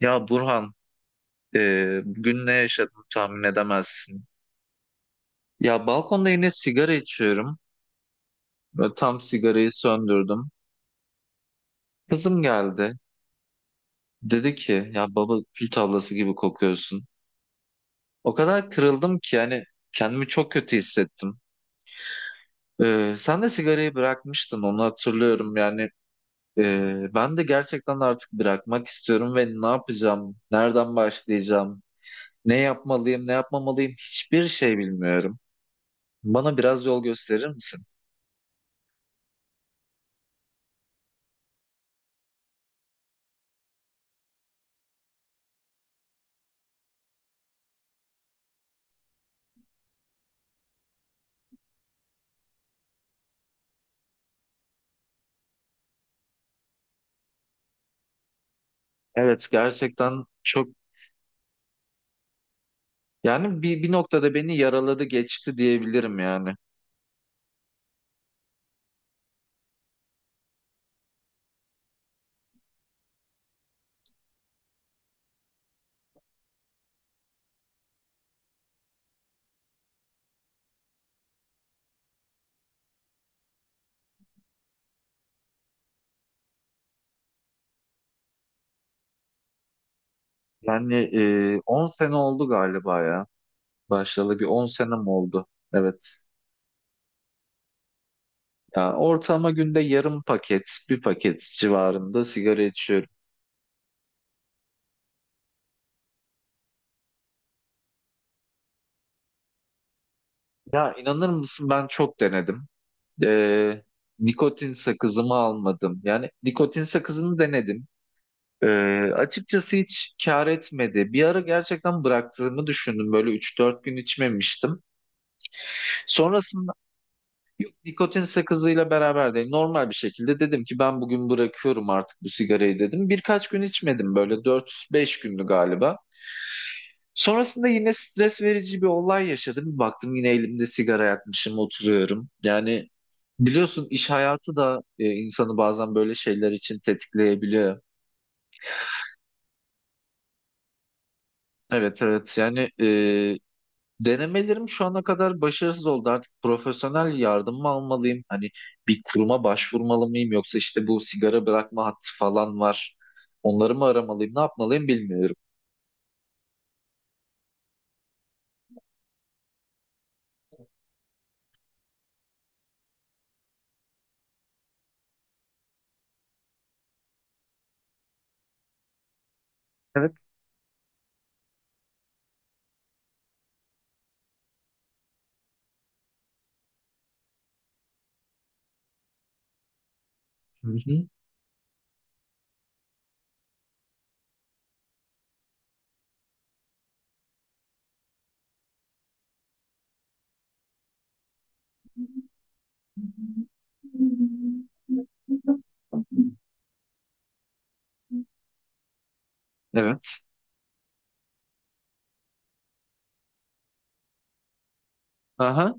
Ya Burhan, bugün ne yaşadım tahmin edemezsin. Ya balkonda yine sigara içiyorum. Böyle tam sigarayı söndürdüm. Kızım geldi. Dedi ki ya baba kül tablası gibi kokuyorsun. O kadar kırıldım ki yani kendimi çok kötü hissettim. Sen de sigarayı bırakmıştın onu hatırlıyorum. Ben de gerçekten artık bırakmak istiyorum ve ne yapacağım, nereden başlayacağım, ne yapmalıyım, ne yapmamalıyım hiçbir şey bilmiyorum. Bana biraz yol gösterir misin? Evet, gerçekten çok yani bir noktada beni yaraladı geçti diyebilirim yani. Yani 10 sene oldu galiba ya. Başlayalı bir 10 sene mi oldu? Evet. Ya ortalama günde yarım paket, bir paket civarında sigara içiyorum. Ya inanır mısın ben çok denedim. E, Nikotin sakızımı almadım. Yani nikotin sakızını denedim. E, Açıkçası hiç kar etmedi. Bir ara gerçekten bıraktığımı düşündüm. Böyle üç dört gün içmemiştim. Sonrasında yok, nikotin sakızıyla beraber değil. Normal bir şekilde dedim ki ben bugün bırakıyorum artık bu sigarayı dedim. Birkaç gün içmedim, böyle dört beş gündü galiba. Sonrasında yine stres verici bir olay yaşadım. Bir baktım yine elimde sigara yakmışım oturuyorum. Yani biliyorsun iş hayatı da insanı bazen böyle şeyler için tetikleyebiliyor. Evet, evet, yani denemelerim şu ana kadar başarısız oldu. Artık profesyonel yardım mı almalıyım? Hani bir kuruma başvurmalı mıyım? Yoksa işte bu sigara bırakma hattı falan var. Onları mı aramalıyım? Ne yapmalıyım bilmiyorum. Evet. Hı hı. Evet. Aha.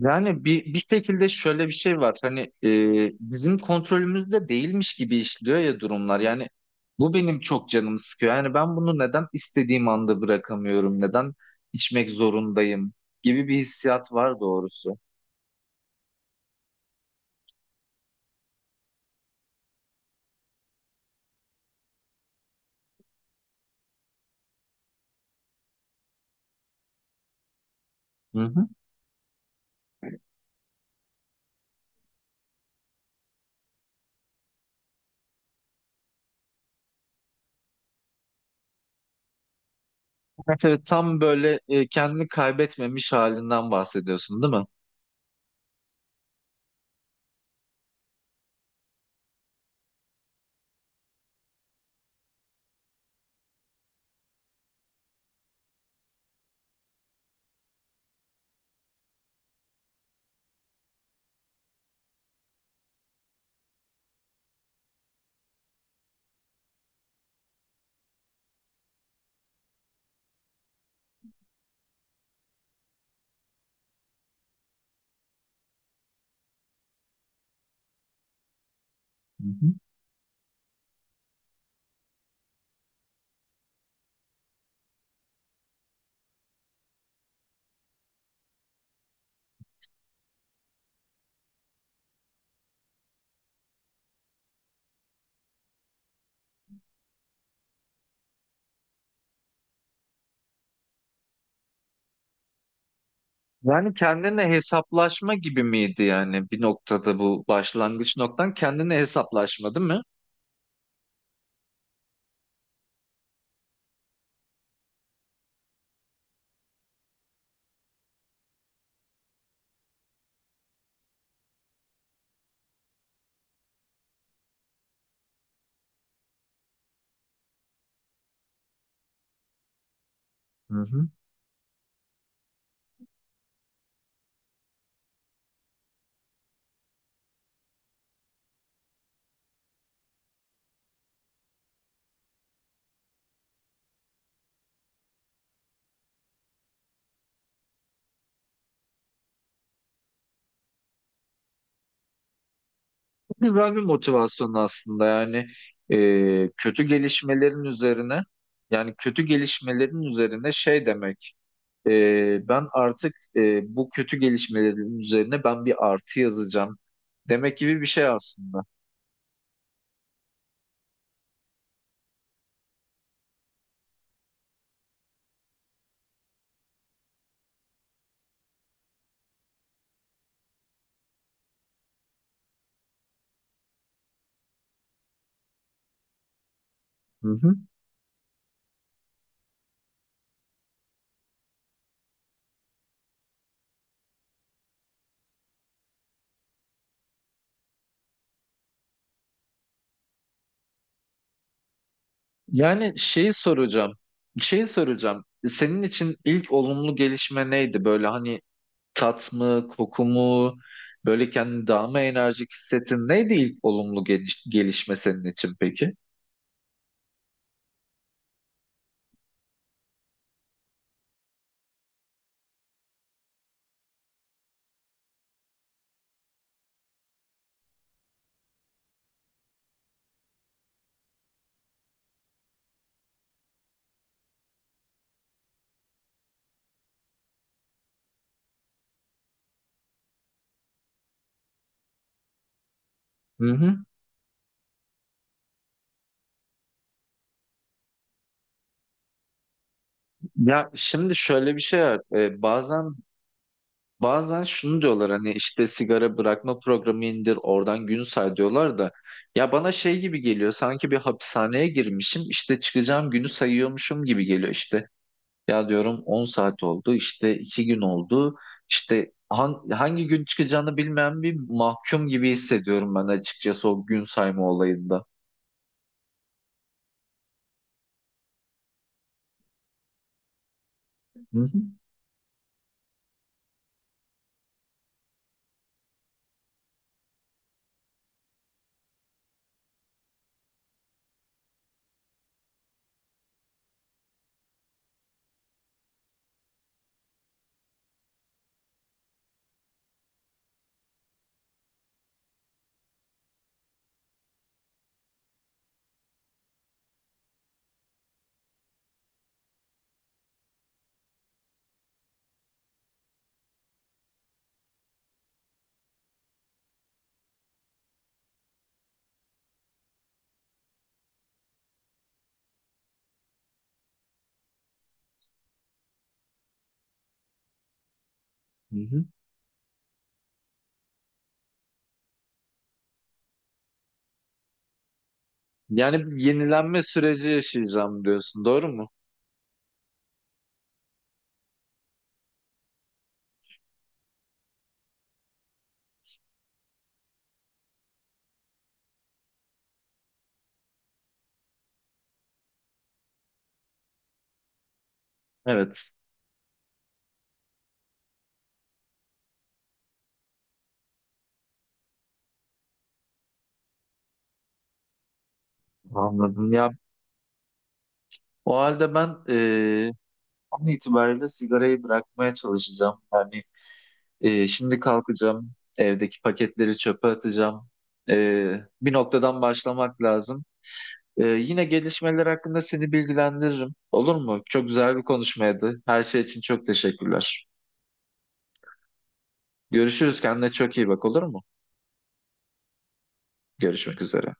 Yani bir, bir şekilde şöyle bir şey var. Hani bizim kontrolümüzde değilmiş gibi işliyor ya durumlar. Yani bu benim çok canımı sıkıyor. Yani ben bunu neden istediğim anda bırakamıyorum? Neden içmek zorundayım? Gibi bir hissiyat var doğrusu. Hı hı. Evet, evet, tam böyle kendini kaybetmemiş halinden bahsediyorsun, değil mi? Hı hı. Yani kendine hesaplaşma gibi miydi yani bir noktada bu başlangıç noktan kendine hesaplaşma, değil mi? Hı hı. Güzel bir motivasyon aslında. Yani e, kötü gelişmelerin üzerine yani kötü gelişmelerin üzerine şey demek, ben artık, bu kötü gelişmelerin üzerine ben bir artı yazacağım demek gibi bir şey aslında. Hı hı. Yani şeyi soracağım Şeyi soracağım, senin için ilk olumlu gelişme neydi böyle, hani tat mı koku mu, böyle kendini daha mı enerjik hissettin, neydi ilk olumlu gelişme senin için peki? Hı hı. Ya şimdi şöyle bir şey var. Bazen şunu diyorlar, hani işte sigara bırakma programı indir oradan gün say diyorlar da, ya bana şey gibi geliyor, sanki bir hapishaneye girmişim, işte çıkacağım günü sayıyormuşum gibi geliyor işte. Ya diyorum 10 saat oldu, işte 2 gün oldu, işte hangi gün çıkacağını bilmeyen bir mahkum gibi hissediyorum ben açıkçası o gün sayma olayında. Hı hı, hı hı. Yani bir yenilenme süreci yaşayacağım diyorsun, doğru mu? Evet. Anladım. Ya o halde ben an itibariyle sigarayı bırakmaya çalışacağım. Yani şimdi kalkacağım, evdeki paketleri çöpe atacağım. Bir noktadan başlamak lazım. Yine gelişmeler hakkında seni bilgilendiririm. Olur mu? Çok güzel bir konuşmaydı. Her şey için çok teşekkürler. Görüşürüz. Kendine çok iyi bak, olur mu? Görüşmek üzere.